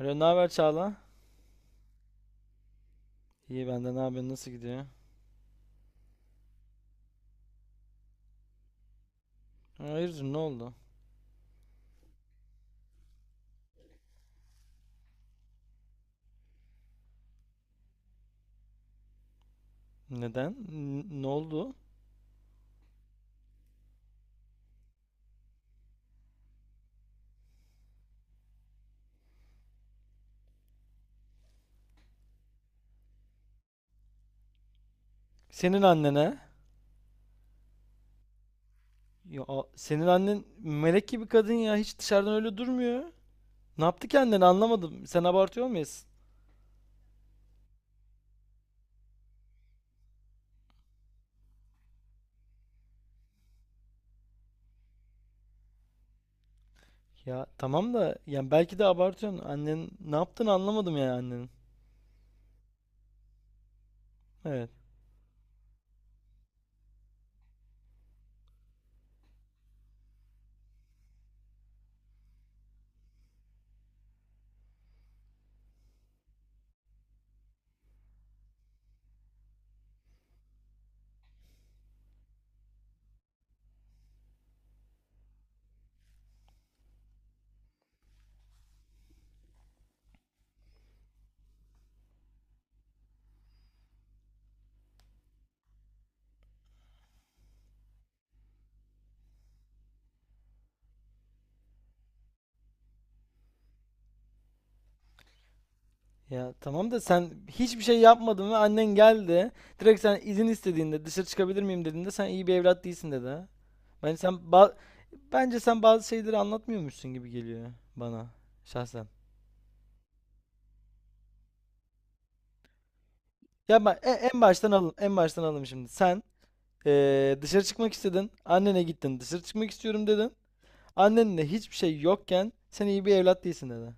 Alo, ne haber Çağla? İyi benden ne haber? Nasıl gidiyor? Hayırdır, ne oldu? Neden? Ne oldu? Senin annene? Ya, senin annen melek gibi kadın ya. Hiç dışarıdan öyle durmuyor. Ne yaptı kendini anlamadım. Sen abartıyor muyuz? Ya tamam da yani belki de abartıyorsun. Annen ne yaptığını anlamadım yani annenin. Evet. Ya tamam da sen hiçbir şey yapmadın ve annen geldi. Direkt sen izin istediğinde dışarı çıkabilir miyim dediğinde sen iyi bir evlat değilsin dedi. Bence sen ba- bence sen bazı şeyleri anlatmıyormuşsun gibi geliyor bana şahsen. Ya bak en baştan alalım, en baştan alalım şimdi. Sen dışarı çıkmak istedin, annene gittin, dışarı çıkmak istiyorum dedin. Annenle hiçbir şey yokken sen iyi bir evlat değilsin dedi.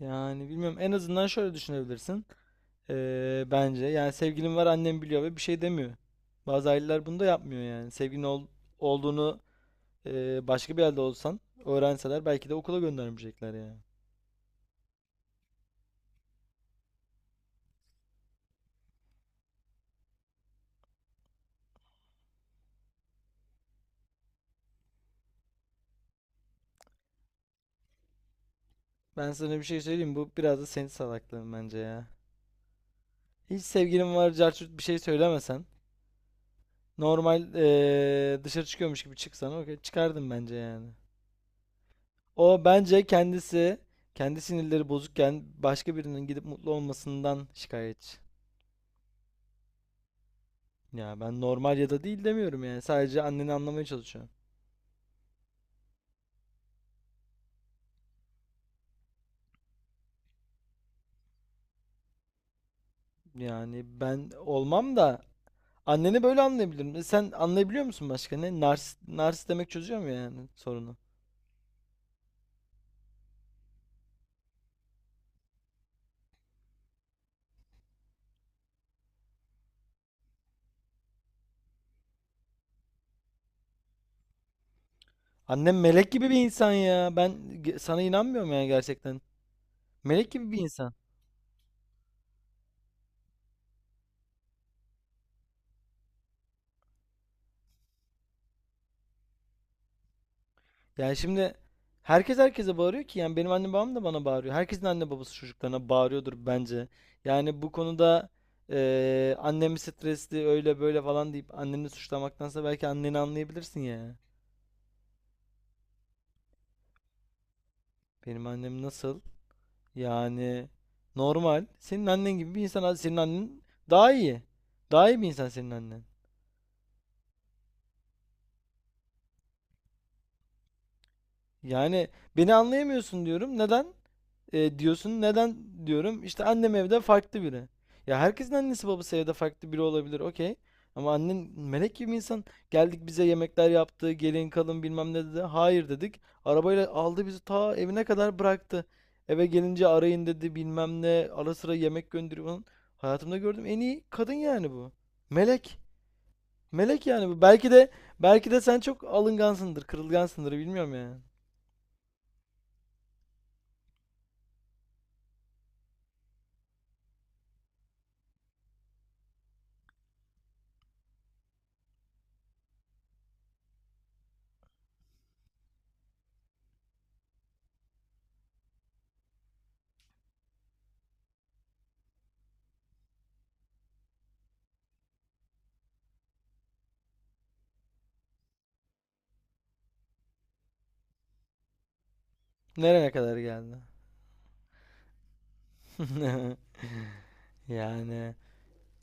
Yani bilmiyorum, en azından şöyle düşünebilirsin. Bence yani sevgilim var, annem biliyor ve bir şey demiyor. Bazı aileler bunu da yapmıyor yani. Sevgilin olduğunu başka bir yerde olsan öğrenseler belki de okula göndermeyecekler yani. Ben sana bir şey söyleyeyim. Bu biraz da senin salaklığın bence ya. Hiç sevgilim var, carçurt bir şey söylemesen. Normal dışarı çıkıyormuş gibi çıksana. Okey, çıkardım bence yani. O bence kendisi, kendi sinirleri bozukken başka birinin gidip mutlu olmasından şikayetçi. Ya ben normal ya da değil demiyorum yani. Sadece anneni anlamaya çalışıyorum. Yani ben olmam da anneni böyle anlayabilirim. E sen anlayabiliyor musun başka ne? Nars, nars demek çözüyor mu yani sorunu? Annem melek gibi bir insan ya. Sana inanmıyorum yani gerçekten. Melek gibi bir insan. Yani şimdi herkes herkese bağırıyor ki, yani benim annem babam da bana bağırıyor. Herkesin anne babası çocuklarına bağırıyordur bence. Yani bu konuda annem stresli öyle böyle falan deyip anneni suçlamaktansa belki anneni anlayabilirsin ya. Benim annem nasıl? Yani normal. Senin annen gibi bir insan. Hadi senin annen daha iyi. Daha iyi bir insan senin annen. Yani beni anlayamıyorsun diyorum. Neden? Diyorsun neden, diyorum işte annem evde farklı biri. Ya herkesin annesi babası evde farklı biri olabilir, okey. Ama annen melek gibi insan, geldik bize yemekler yaptı, gelin kalın bilmem ne dedi. Hayır dedik. Arabayla aldı bizi ta evine kadar bıraktı. Eve gelince arayın dedi, bilmem ne, ara sıra yemek gönderiyor falan. Hayatımda gördüğüm en iyi kadın yani bu. Melek. Melek yani bu. Belki de sen çok alıngansındır, kırılgansındır, bilmiyorum yani. Nereye kadar geldi? Yani.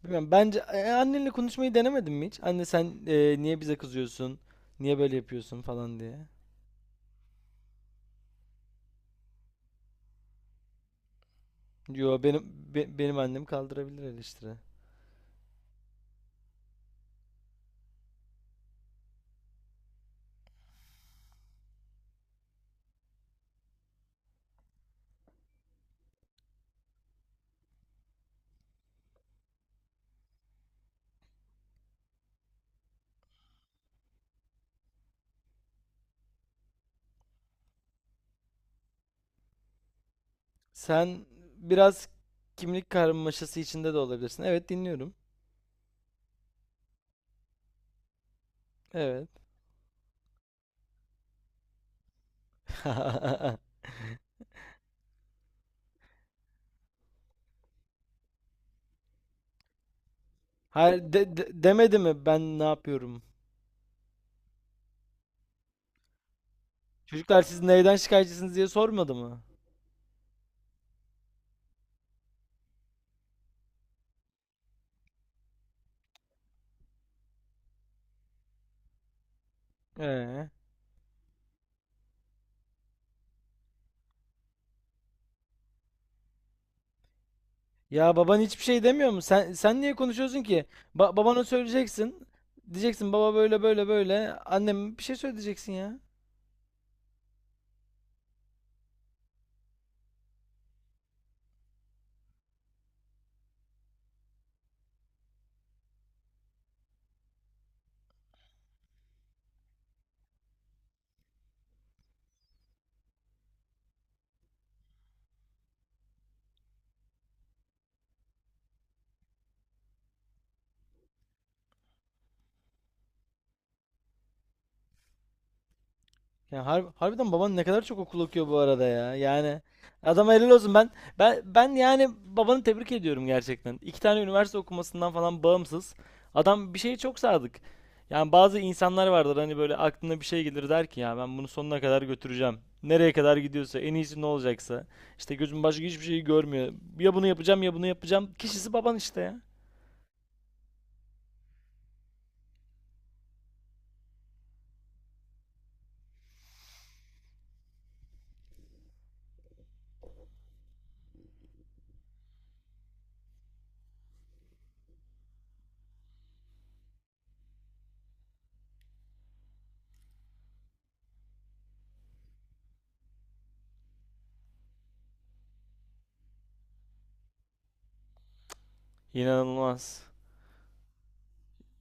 Bilmiyorum. Bence annenle konuşmayı denemedin mi hiç? Anne sen niye bize kızıyorsun? Niye böyle yapıyorsun falan diye. Yo benim annem kaldırabilir eleştiri. Sen biraz kimlik karmaşası içinde de olabilirsin. Evet, dinliyorum. Evet. Hayır, demedi mi ben ne yapıyorum? Çocuklar siz neyden şikayetçisiniz diye sormadı mı? Ee? Ya baban hiçbir şey demiyor mu? Sen niye konuşuyorsun ki? Babana söyleyeceksin. Diyeceksin baba böyle böyle böyle. Annem bir şey söyleyeceksin ya. Ya harbiden baban ne kadar çok okul okuyor bu arada ya. Yani adama helal olsun. Ben yani babanı tebrik ediyorum gerçekten. İki tane üniversite okumasından falan bağımsız. Adam bir şeye çok sadık. Yani bazı insanlar vardır hani, böyle aklına bir şey gelir, der ki ya ben bunu sonuna kadar götüreceğim. Nereye kadar gidiyorsa, en iyisi ne olacaksa. İşte gözüm başka hiçbir şeyi görmüyor. Ya bunu yapacağım ya bunu yapacağım. Kişisi baban işte ya. İnanılmaz.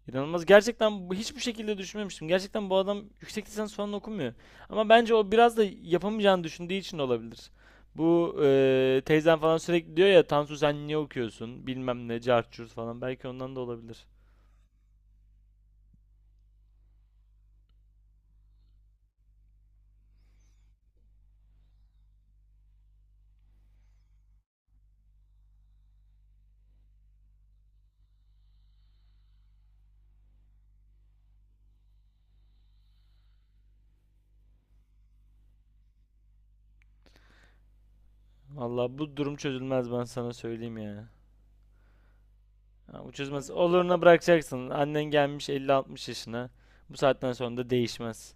İnanılmaz. Gerçekten hiçbir şekilde düşünmemiştim. Gerçekten bu adam yüksek lisans falan okumuyor. Ama bence o biraz da yapamayacağını düşündüğü için olabilir. Bu teyzem falan sürekli diyor ya, Tansu sen niye okuyorsun? Bilmem ne, cart curt falan. Belki ondan da olabilir. Valla bu durum çözülmez, ben sana söyleyeyim ya. Ha, bu çözülmez. Oluruna bırakacaksın. Annen gelmiş 50-60 yaşına. Bu saatten sonra da değişmez.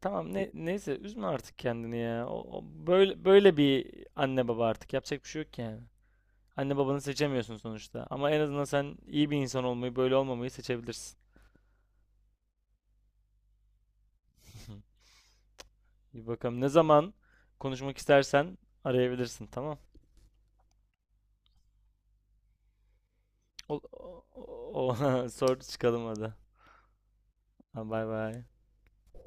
Tamam, ne, neyse, üzme artık kendini ya. Böyle böyle bir anne baba, artık yapacak bir şey yok ki yani. Anne babanı seçemiyorsun sonuçta. Ama en azından sen iyi bir insan olmayı, böyle olmamayı seçebilirsin. Bir bakalım. Ne zaman konuşmak istersen arayabilirsin, tamam? O, o, Sor çıkalım hadi. Ha, bay bay.